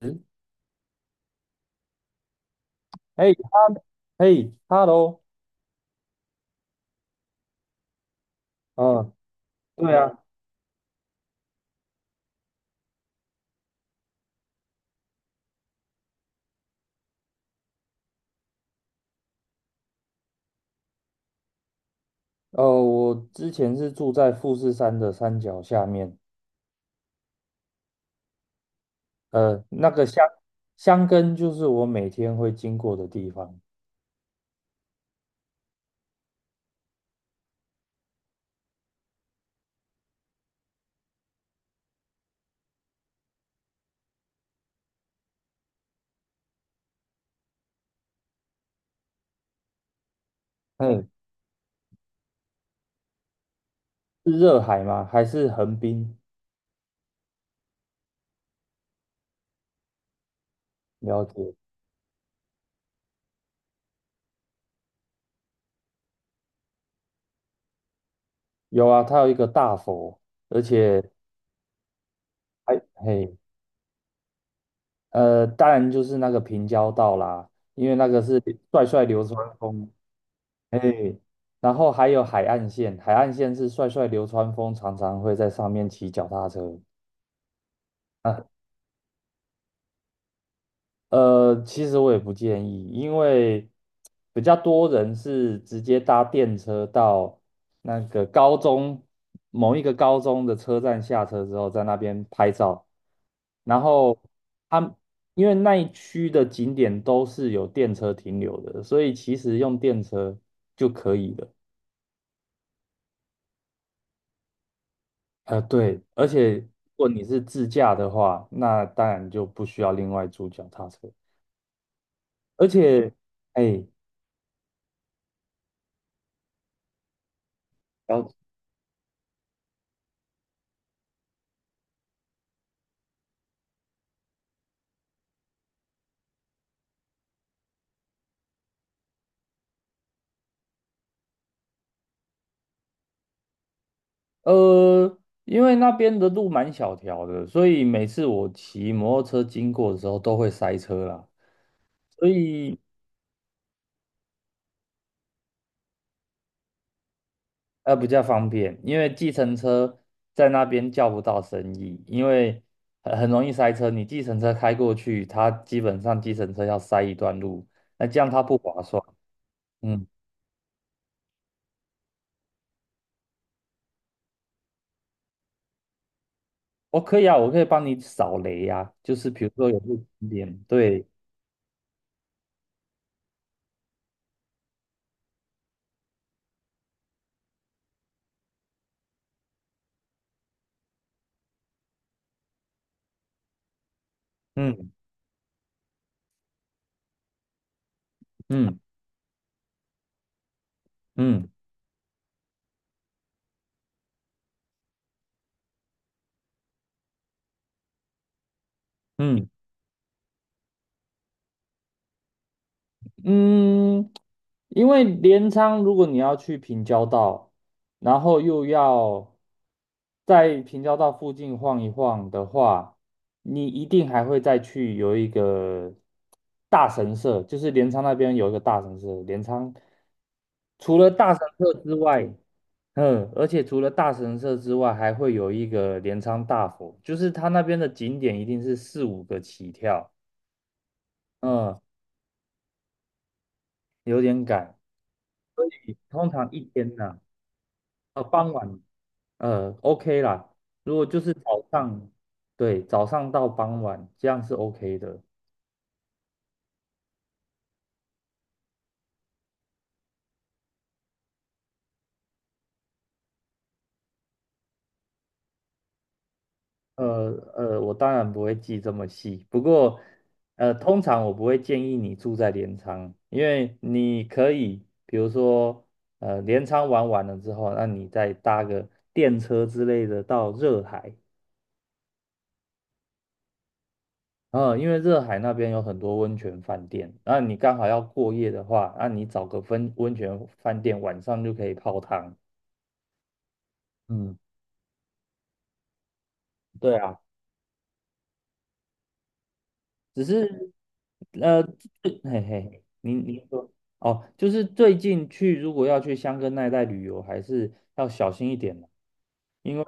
嗯，哎，哈，哎，hello，嗯，对啊。我之前是住在富士山的山脚下面。那个箱根就是我每天会经过的地方。嗯，是热海吗？还是横滨？了解。有啊，它有一个大佛，而且还嘿。当然就是那个平交道啦，因为那个是帅帅流川枫。哎，然后还有海岸线，海岸线是帅帅流川枫常常会在上面骑脚踏车。啊，其实我也不建议，因为比较多人是直接搭电车到那个高中某一个高中的车站下车之后，在那边拍照，然后他因为那一区的景点都是有电车停留的，所以其实用电车就可以了。对，而且如果你是自驾的话，那当然就不需要另外租脚踏车，而且，哎，了呃，因为那边的路蛮小条的，所以每次我骑摩托车经过的时候都会塞车啦，所以比较方便，因为计程车在那边叫不到生意，因为很容易塞车，你计程车开过去，它基本上计程车要塞一段路，那这样它不划算。嗯。我可以啊，我可以帮你扫雷呀、就是比如说有不景点，对。嗯嗯嗯嗯嗯，因为镰仓如果你要去平交道，然后又要在平交道附近晃一晃的话，你一定还会再去有一个大神社，就是镰仓那边有一个大神社，镰仓除了大神社之外。嗯，而且除了大神社之外，还会有一个镰仓大佛，就是它那边的景点一定是四五个起跳。嗯，有点赶，所以通常一天呢、傍晚，OK 啦，如果就是早上，对，早上到傍晚，这样是 OK 的。呃我当然不会记这么细，不过通常我不会建议你住在镰仓，因为你可以，比如说镰仓玩完了之后，那你再搭个电车之类的到热海。因为热海那边有很多温泉饭店，那你刚好要过夜的话，那你找个温泉饭店晚上就可以泡汤。嗯，对啊。只是嘿嘿，您说哦，就是最近去如果要去香根那一带旅游，还是要小心一点嘛，因为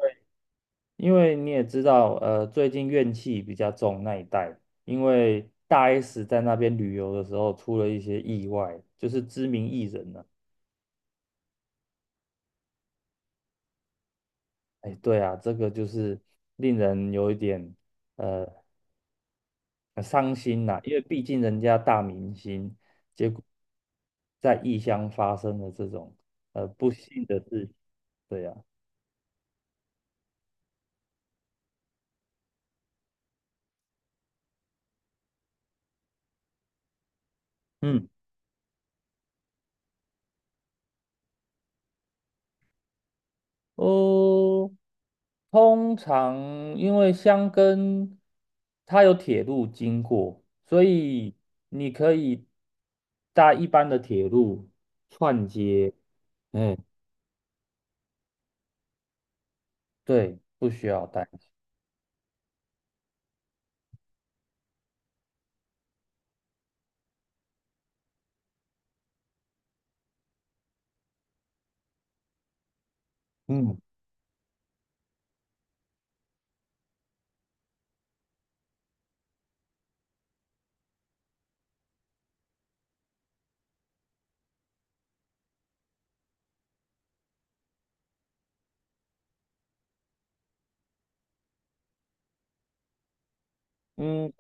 因为你也知道，最近怨气比较重那一带，因为大 S 在那边旅游的时候出了一些意外，就是知名艺人呢、哎，对啊，这个就是令人有一点呃很伤心呐、因为毕竟人家大明星。在异乡发生的这种不幸的事情。对呀。嗯。哦，通常因为箱根它有铁路经过，所以你可以搭一般的铁路串接。嗯，对，不需要担心。嗯嗯。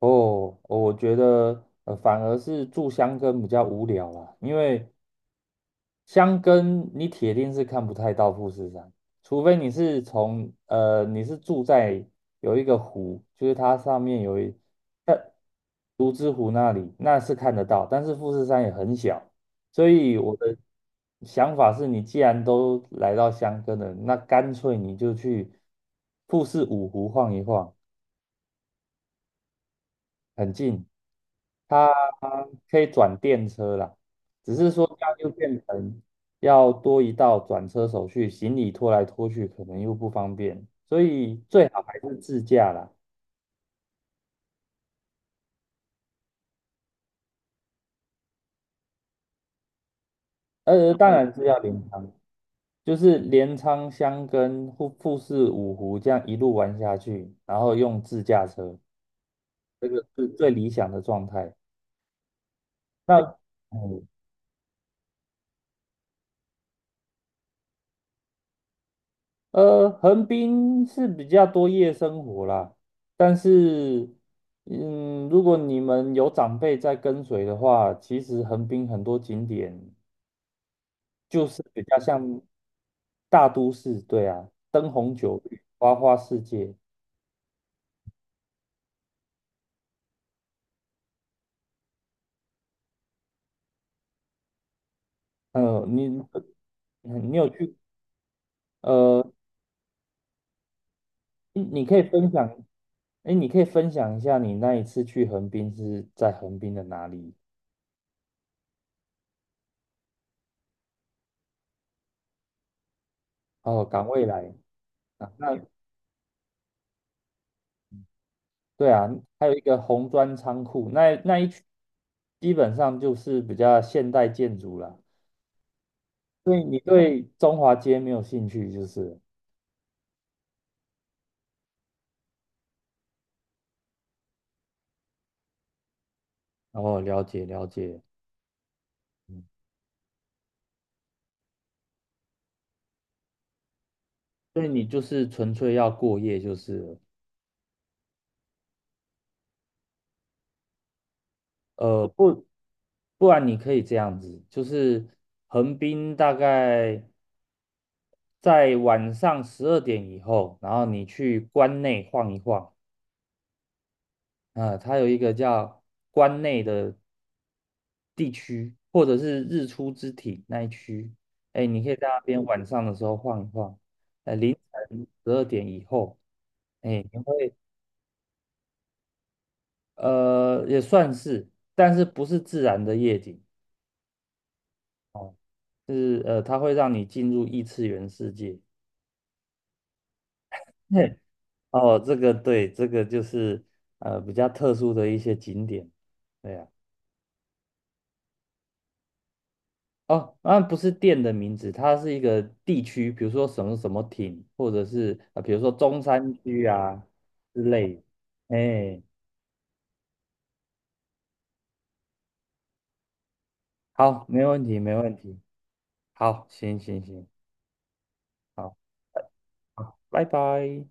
哦，我觉得反而是住箱根比较无聊啦，因为箱根你铁定是看不太到富士山，除非你是从你是住在有一个湖，就是它上面有一呃竹之湖那里，那是看得到，但是富士山也很小，所以我的想法是你既然都来到箱根了，那干脆你就去富士五湖晃一晃。很近。它可以转电车啦，只是说这样就变成要多一道转车手续，行李拖来拖去可能又不方便，所以最好还是自驾啦。当然是要镰仓，就是镰仓箱跟富士五湖这样一路玩下去，然后用自驾车，这个是最理想的状态。那嗯横滨是比较多夜生活啦，但是，嗯，如果你们有长辈在跟随的话，其实横滨很多景点就是比较像大都市，对啊，灯红酒绿，花花世界。呃，你你有去？呃，你可以分享，哎，你可以分享一下你那一次去横滨是在横滨的哪里？哦，港未来啊，那。对啊，还有一个红砖仓库，那那一区基本上就是比较现代建筑啦。所以你对中华街没有兴趣，就是了。哦，了解了解。嗯，所以你就是纯粹要过夜就是了呃，不不然你可以这样子，就是横滨大概在晚上十二点以后，然后你去关内晃一晃。啊、它有一个叫关内的地区，或者是日出之体那一区。哎，你可以在那边晚上的时候晃一晃，凌晨十二点以后，哎，你会也算是，但是不是自然的夜景。哦，是，它会让你进入异次元世界 嘿。哦，这个对，这个就是比较特殊的一些景点。对呀。哦，那不是店的名字，它是一个地区，比如说什么什么町，或者是啊、比如说中山区啊之类的。哎，好，没问题，没问题。好，行行行，好，好，拜拜。